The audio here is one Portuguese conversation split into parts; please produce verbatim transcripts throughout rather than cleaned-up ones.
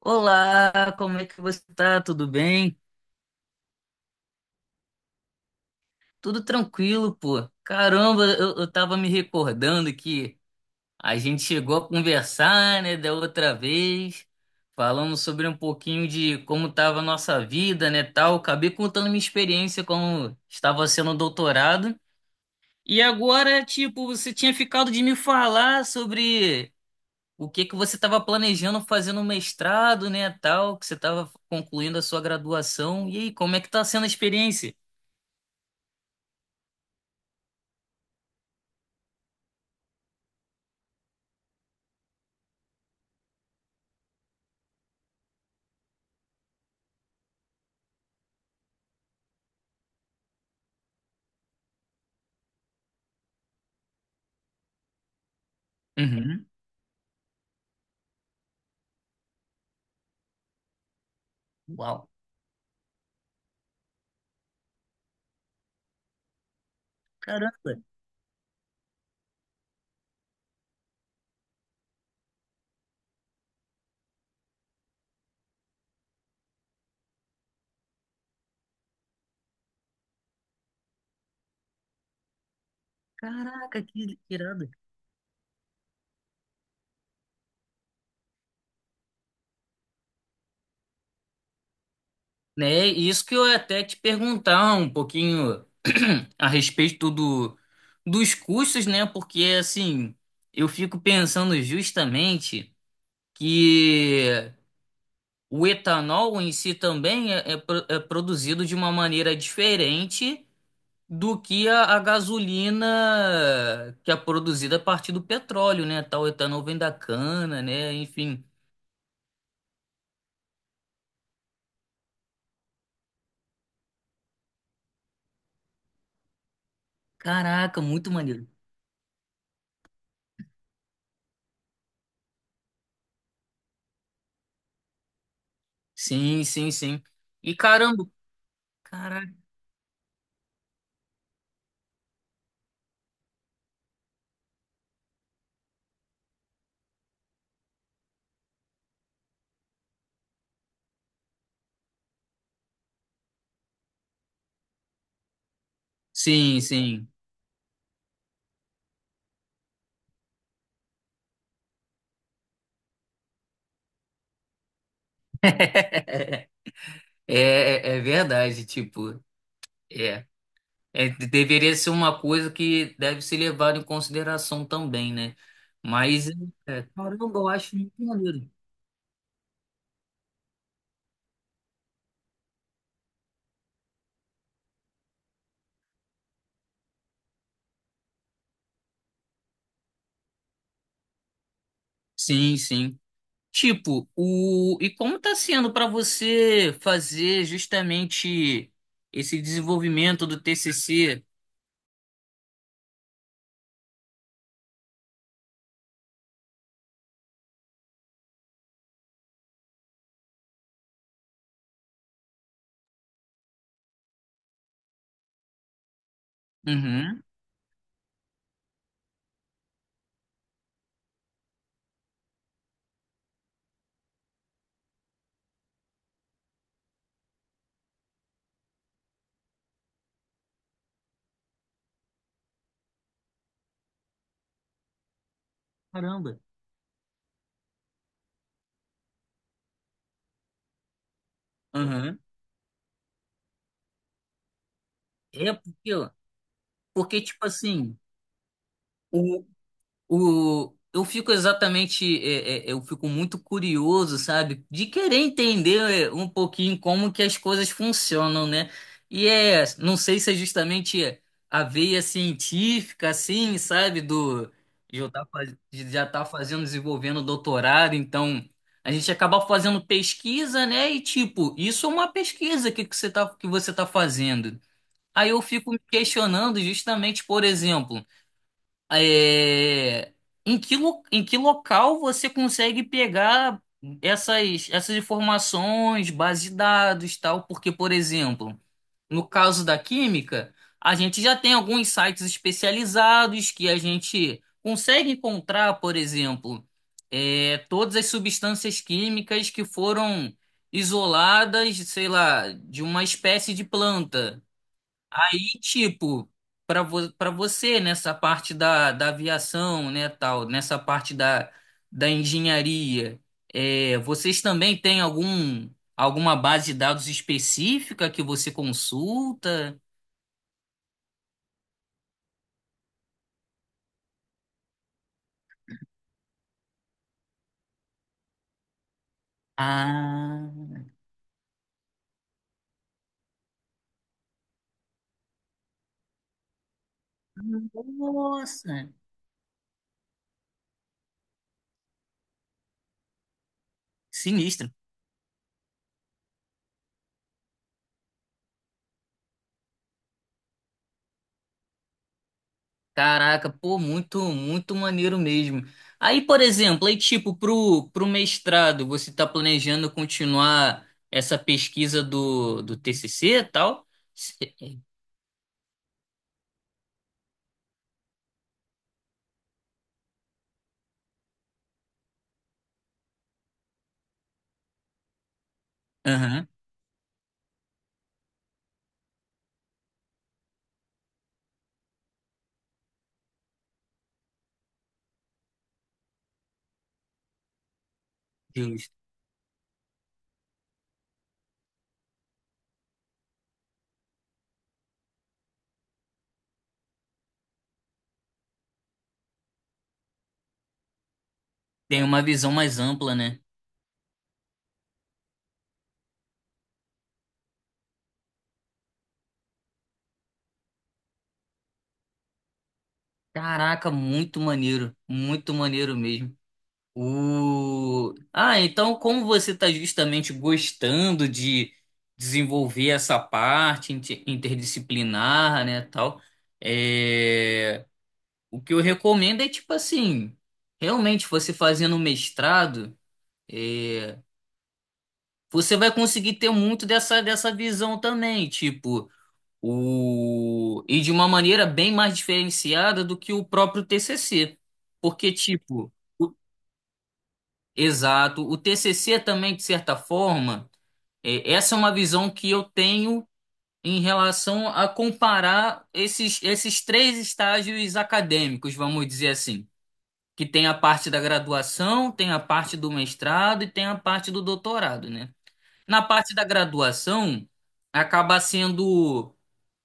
Olá, como é que você tá? Tudo bem? Tudo tranquilo, pô. Caramba, eu, eu tava me recordando que a gente chegou a conversar, né, da outra vez, falando sobre um pouquinho de como tava a nossa vida, né, tal. Acabei contando minha experiência como estava sendo doutorado. E agora, tipo, você tinha ficado de me falar sobre o que que você estava planejando fazer no mestrado, né, tal, que você estava concluindo a sua graduação. E aí, como é que tá sendo a experiência? Uhum. Uau. Caramba. Caraca, que irado. Né, e isso que eu ia até te perguntar um pouquinho a respeito do, dos custos, né? Porque assim, eu fico pensando justamente que o etanol em si também é, é pro- é produzido de uma maneira diferente do que a, a gasolina que é produzida a partir do petróleo, né? Tal etanol vem da cana, né? Enfim. Caraca, muito maneiro. Sim, sim, sim. E caramba, caraca. Sim, sim. É, é, é verdade, tipo, é. É, de- Deveria ser uma coisa que deve ser levada em consideração também, né? Mas, é, é, caramba, eu acho muito maneiro. Sim, sim. Tipo, o e como está sendo para você fazer justamente esse desenvolvimento do T C C? Uhum. Caramba. Uhum. É porque, ó, porque tipo assim, o, eu fico exatamente, é, é, é, eu fico muito curioso, sabe, de querer entender é, um pouquinho como que as coisas funcionam, né? E é, não sei se é justamente a veia científica, assim, sabe, do de eu tá, faz- de já tá fazendo, desenvolvendo doutorado, então a gente acaba fazendo pesquisa, né? E tipo, isso é uma pesquisa que, que você tá, que você tá fazendo. Aí eu fico me questionando justamente, por exemplo. É, em que, lo- em que local você consegue pegar essas, essas informações, base de dados, tal? Porque, por exemplo, no caso da química, a gente já tem alguns sites especializados que a gente consegue encontrar, por exemplo, é, todas as substâncias químicas que foram isoladas, sei lá, de uma espécie de planta aí, tipo, para vo para você nessa parte da, da aviação, né, tal, nessa parte da, da engenharia, é, vocês também têm algum alguma base de dados específica que você consulta? Ah, nossa, sinistro. Caraca, pô, muito, muito maneiro mesmo. Aí, por exemplo, aí tipo, pro, pro mestrado, você tá planejando continuar essa pesquisa do, do T C C e tal? Se- eh, Aham, justo. Tem uma visão mais ampla, né? Caraca, muito maneiro, muito maneiro mesmo. O... Ah, então como você está justamente gostando de desenvolver essa parte inter- interdisciplinar, né, tal... É... O que eu recomendo é tipo assim, realmente você fazendo um mestrado, é, você vai conseguir ter muito dessa, dessa visão também, tipo, o, e de uma maneira bem mais diferenciada do que o próprio T C C. Porque, tipo, o- exato, o T C C também, de certa forma, é, essa é uma visão que eu tenho em relação a comparar esses, esses três estágios acadêmicos, vamos dizer assim. Que tem a parte da graduação, tem a parte do mestrado e tem a parte do doutorado, né? Na parte da graduação, acaba sendo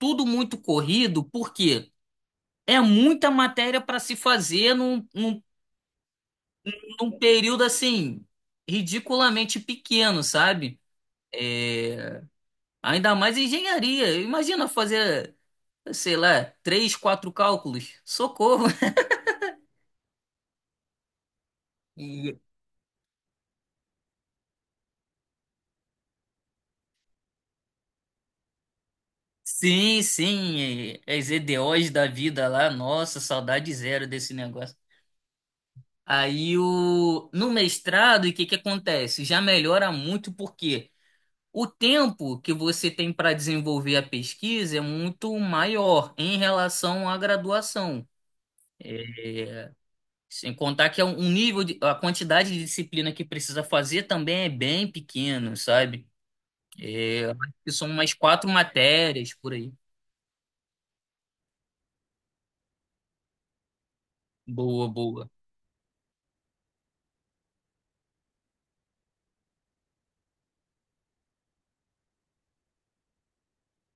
tudo muito corrido, porque é muita matéria para se fazer num, num, num período assim, ridiculamente pequeno, sabe? É, ainda mais engenharia. Imagina fazer, sei lá, três, quatro cálculos. Socorro! Sim, sim, é- é as E D Os da vida lá, nossa, saudade zero desse negócio. Aí o no mestrado, o que que acontece? Já melhora muito porque o tempo que você tem para desenvolver a pesquisa é muito maior em relação à graduação. Sem contar que é um um nível de, a quantidade de disciplina que precisa fazer também é bem pequeno, sabe? É, acho que são umas quatro matérias por aí. Boa, boa.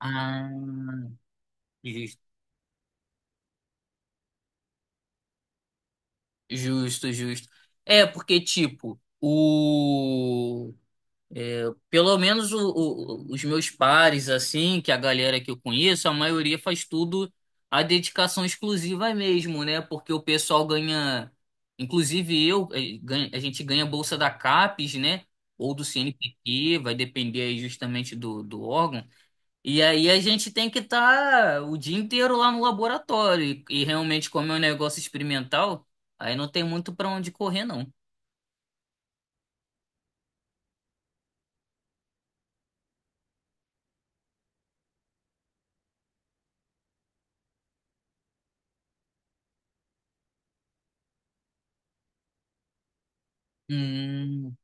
Ah, justo, justo. É, porque, tipo, o. É, pelo menos o- o- os meus pares, assim, que a galera que eu conheço, a maioria faz tudo a dedicação exclusiva mesmo, né? Porque o pessoal ganha. Inclusive eu, eh, ganha- a gente ganha bolsa da CAPES, né? Ou do C N P Q, vai depender aí justamente do, do órgão. E aí a gente tem que estar o dia inteiro lá no laboratório. E, e realmente, como é um negócio experimental, aí não tem muito para onde correr, não. Hum,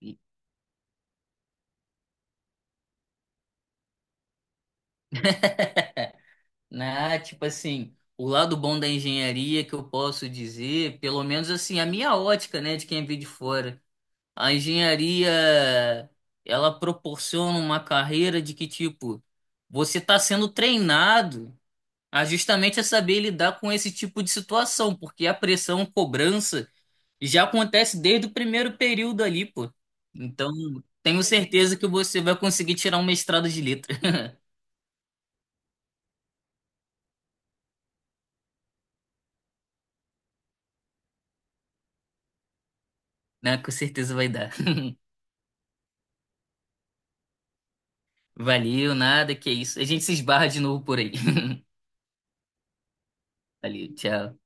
e- né? Tipo assim, o lado bom da engenharia que eu posso dizer, pelo menos assim, a minha ótica, né, de quem vê de fora. A engenharia, ela proporciona uma carreira de que, tipo, você está sendo treinado a justamente a saber lidar com esse tipo de situação, porque a pressão, cobrança já acontece desde o primeiro período ali, pô. Então, tenho certeza que você vai conseguir tirar um mestrado de letra, né? Com certeza vai dar. Valeu, nada, que isso. A gente se esbarra de novo por aí. Valeu, tchau.